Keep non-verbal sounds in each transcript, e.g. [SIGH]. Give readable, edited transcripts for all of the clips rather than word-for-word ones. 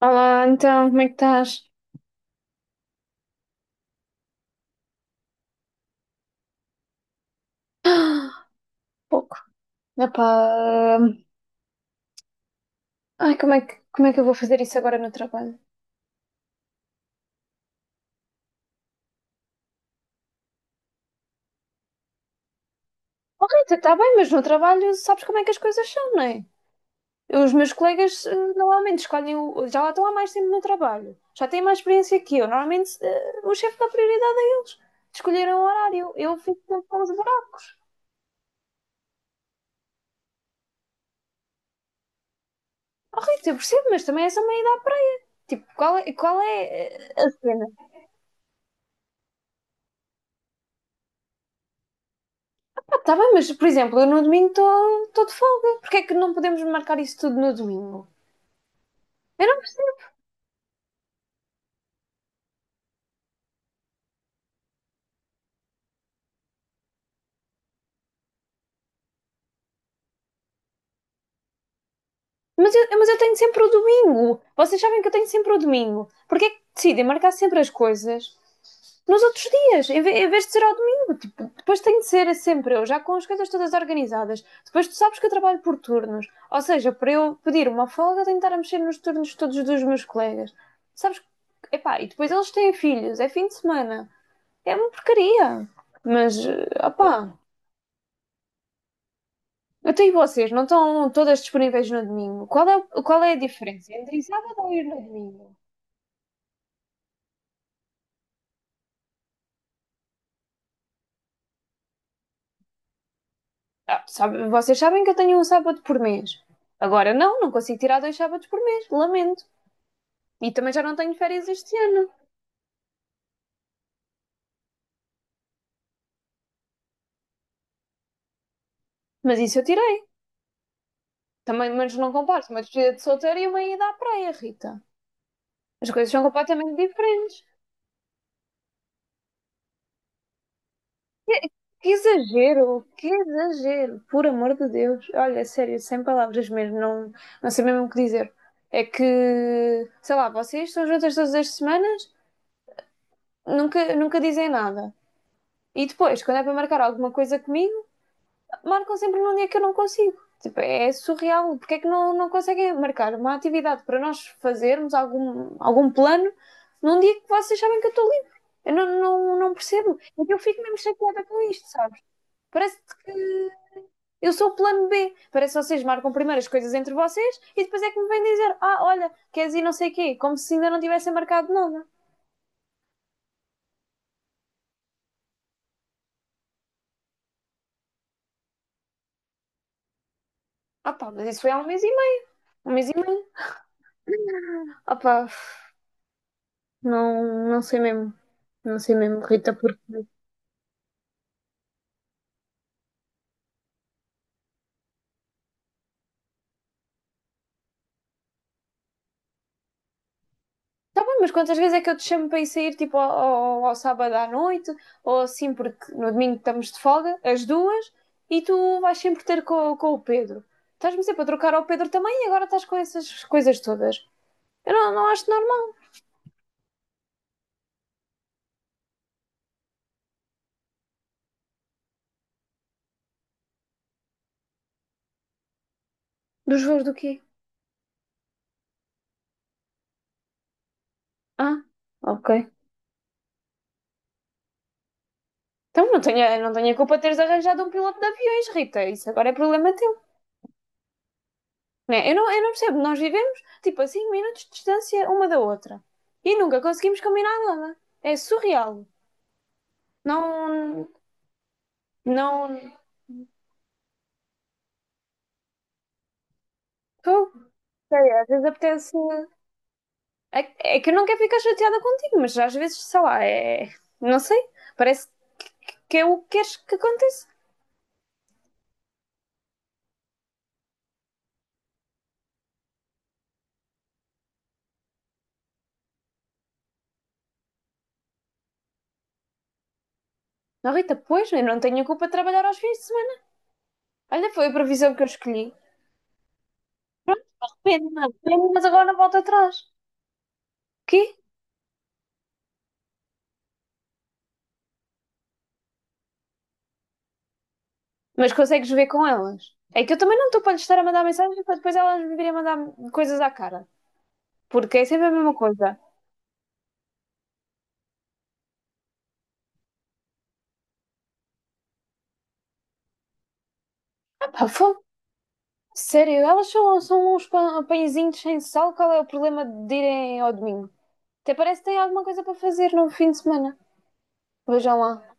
Olá, como é que estás? [GASPS] Pouco. Epá, ai, como é que eu vou fazer isso agora no trabalho? Oh, Rita, está bem, mas no trabalho sabes como é que as coisas são, não é? Os meus colegas normalmente escolhem, o, já lá estão há mais tempo no trabalho, já têm mais experiência que eu. Normalmente o chefe dá prioridade a eles, de escolherem o horário. Eu fico sempre a liberar. Oh, Rita, eu percebo, mas também essa é uma ida à praia. Tipo, qual é a cena? Está bem, mas por exemplo, eu no domingo estou de folga. Porquê é que não podemos marcar isso tudo no domingo? Eu não- mas eu tenho sempre o domingo. Vocês sabem que eu tenho sempre o domingo. Porquê é que decidem marcar sempre as coisas nos outros dias, em, vez de ser ao domingo? Tipo, depois tem de ser sempre eu, já com as coisas todas organizadas. Depois tu sabes que eu trabalho por turnos. Ou seja, para eu pedir uma folga, tenho de estar a mexer nos turnos todos dos meus colegas. Sabes? que- Epá, e depois eles têm filhos, é fim de semana. É uma porcaria. Mas, eh, opá, até e vocês não estão todas disponíveis no domingo. Qual é a diferença entre ir sábado ou ir no domingo? Vocês sabem que eu tenho um sábado por mês. Agora não consigo tirar dois sábados por mês, lamento. E também já não tenho férias este ano. Mas isso eu tirei. Também, mas não comparo uma despedida de solteiro e uma ida à praia, Rita. As coisas são completamente diferentes. Que exagero, por amor de Deus. Olha, sério, sem palavras mesmo, não sei mesmo o que dizer. É que, sei lá, vocês estão juntas todas as semanas, nunca dizem nada. E depois, quando é para marcar alguma coisa comigo, marcam sempre num dia que eu não consigo. Tipo, é surreal. Porque é que não conseguem marcar uma atividade para nós fazermos algum plano num dia que vocês sabem que eu estou livre? Eu não percebo. E eu fico mesmo chateada com isto, sabes? Parece que eu sou o plano B. Parece que vocês marcam primeiro as coisas entre vocês e depois é que me vêm dizer: Ah, olha, queres ir não sei o quê, como se ainda não tivessem marcado nada. Ah pá, mas isso foi há um mês e meio. Um mês e meio. Ah pá, não sei mesmo. Não sei mesmo, Rita, porque. Tá bem, mas quantas vezes é que eu te chamo para ir sair tipo ao sábado à noite ou assim, porque no domingo estamos de folga, as duas, e tu vais sempre ter com o Pedro. Estás-me sempre a trocar ao Pedro também e agora estás com essas coisas todas. Eu não acho normal. Dos voos do quê? Ah, ok. Então não tenho, eu não tenho a culpa de teres arranjado um piloto de aviões, Rita. Isso agora é problema teu. Né? Eu não percebo. Nós vivemos tipo a 5 minutos de distância uma da outra. E nunca conseguimos combinar nada. É surreal. Não. Não. Pô, sei, às vezes apetece. É, é que eu não quero ficar chateada contigo, mas às vezes, sei lá, é. Não sei. Parece que, que é o que queres que aconteça. Não, Rita, pois, eu não tenho a culpa de trabalhar aos fins de semana. Olha, foi a profissão que eu escolhi. Pronto, arrepende-me, arrepende-me, mas agora não volto atrás. Quê? Mas consegues ver com elas. É que eu também não estou para lhes estar a mandar mensagem para depois elas me virem a mandar coisas à cara. Porque é sempre a mesma coisa. Ah, pá, fogo. Sério, são uns pãezinhos sem sal. Qual é o problema de irem ao domingo? Até parece que têm alguma coisa para fazer no fim de semana. Vejam lá.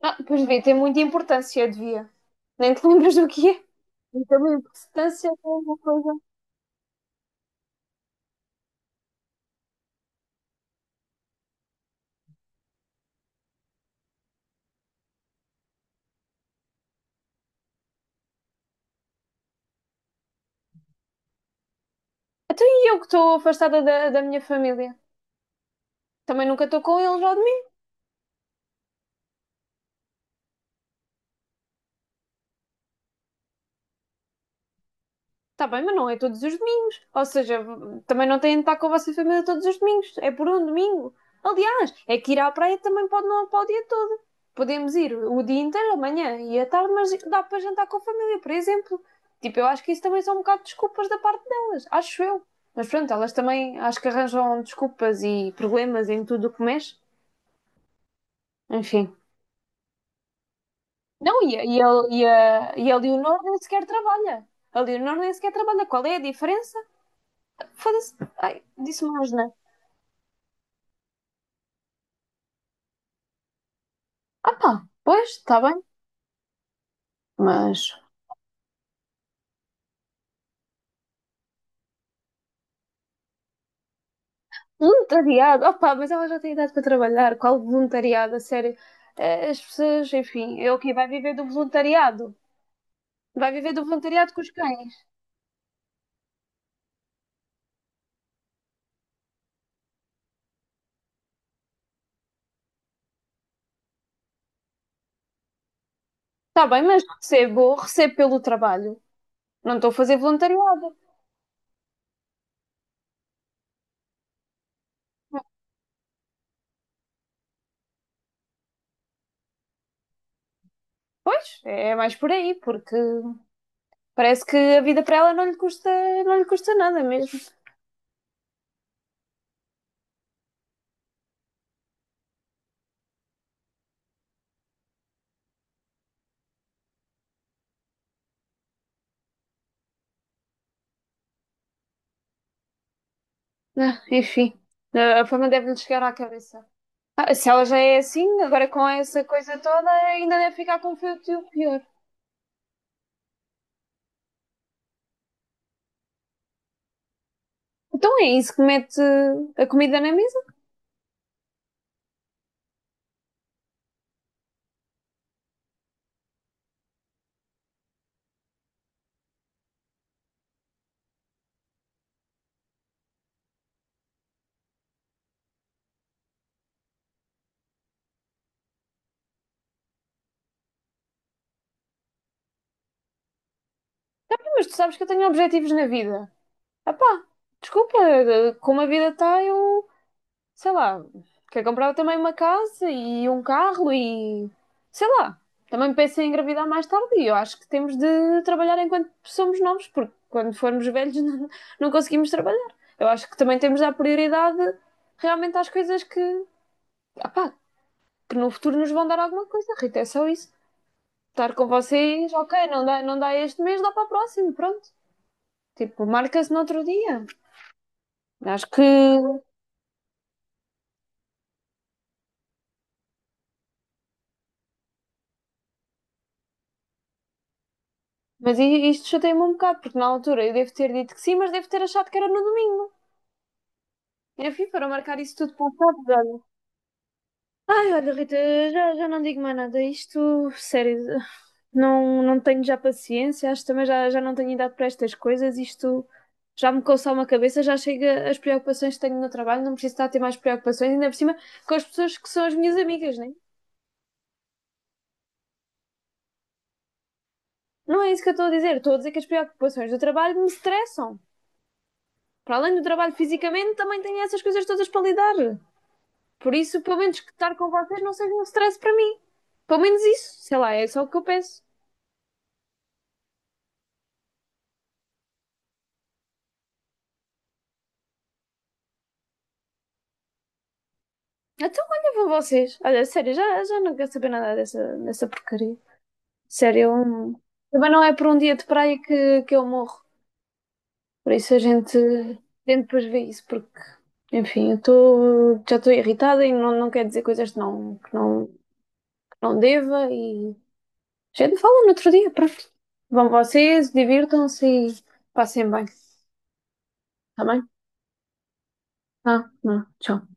Ah, pois vê, tem muita importância, devia. Nem te lembras do que é? Tem muita importância, tem alguma coisa. Então e eu que estou afastada da minha família? Também nunca estou com eles ao domingo. Está bem, mas não é todos os domingos. Ou seja, também não têm de estar com a vossa família todos os domingos. É por um domingo. Aliás, é que ir à praia também pode não para o dia todo. Podemos ir o dia inteiro, amanhã e à tarde, mas dá para jantar com a família, por exemplo. Tipo, eu acho que isso também são um bocado de desculpas da parte delas. Acho eu. Mas pronto, elas também acho que arranjam desculpas e problemas em tudo o que mexe. Enfim. Não, e, a- e, a- e, a, e a Leonor nem sequer trabalha. A Leonor nem sequer trabalha. Qual é a diferença? Foda-se. Ai, disse uma asneira. Ah pá, pois, está bem. Mas. Voluntariado. Ah pá, mas ela já tem idade para trabalhar. Qual voluntariado? A sério. As pessoas, enfim, é o quê? Vai viver do voluntariado. Vai viver do voluntariado com os cães. Está bem, mas recebo, recebo pelo trabalho. Não estou a fazer voluntariado. Pois, é mais por aí, porque parece que a vida para ela não lhe custa, não lhe custa nada mesmo. Ah, enfim, a fama deve-lhe chegar à cabeça. Ah, se ela já é assim, agora com essa coisa toda, ainda deve ficar com um feito pior. Então é isso que mete a comida na mesa? Mas tu sabes que eu tenho objetivos na vida. Ah pá, desculpa, como a vida está, eu, sei lá, quero comprar também uma casa e um carro e, sei lá, também penso em engravidar mais tarde e eu acho que temos de trabalhar enquanto somos novos, porque quando formos velhos [LAUGHS] não conseguimos trabalhar. Eu acho que também temos de dar prioridade realmente às coisas que, ah pá, que no futuro nos vão dar alguma coisa, Rita, é só isso. Estar com vocês, ok, não dá este mês, dá para o próximo, pronto. Tipo, marca-se no outro dia. Acho que. Mas isto chateia-me um bocado, porque na altura eu devo ter dito que sim, mas devo ter achado que era no domingo. Enfim, para marcar isso tudo para o sábado. Ai, olha, Rita, já não digo mais nada. Isto, sério, não tenho já paciência. Acho que também já não tenho idade para estas coisas. Isto já me coça uma cabeça, já chega as preocupações que tenho no trabalho. Não preciso estar a ter mais preocupações, ainda por cima com as pessoas que são as minhas amigas, né? Não é isso que eu estou a dizer. Estou a dizer que as preocupações do trabalho me estressam. Para além do trabalho fisicamente, também tenho essas coisas todas para lidar. Por isso, pelo menos que estar com vocês não seja um stress para mim. Pelo menos isso, sei lá, é só o que eu peço. Então olha para vocês. Olha, sério, já não quero saber nada dessa, dessa porcaria. Sério, também não é por um dia de praia que eu morro. Por isso a gente depois vê isso, porque, enfim, já estou irritada e não quero dizer coisas que não deva e a gente fala no outro dia, pronto. Vão vocês, divirtam-se e passem bem, está bem? Ah, não, tchau.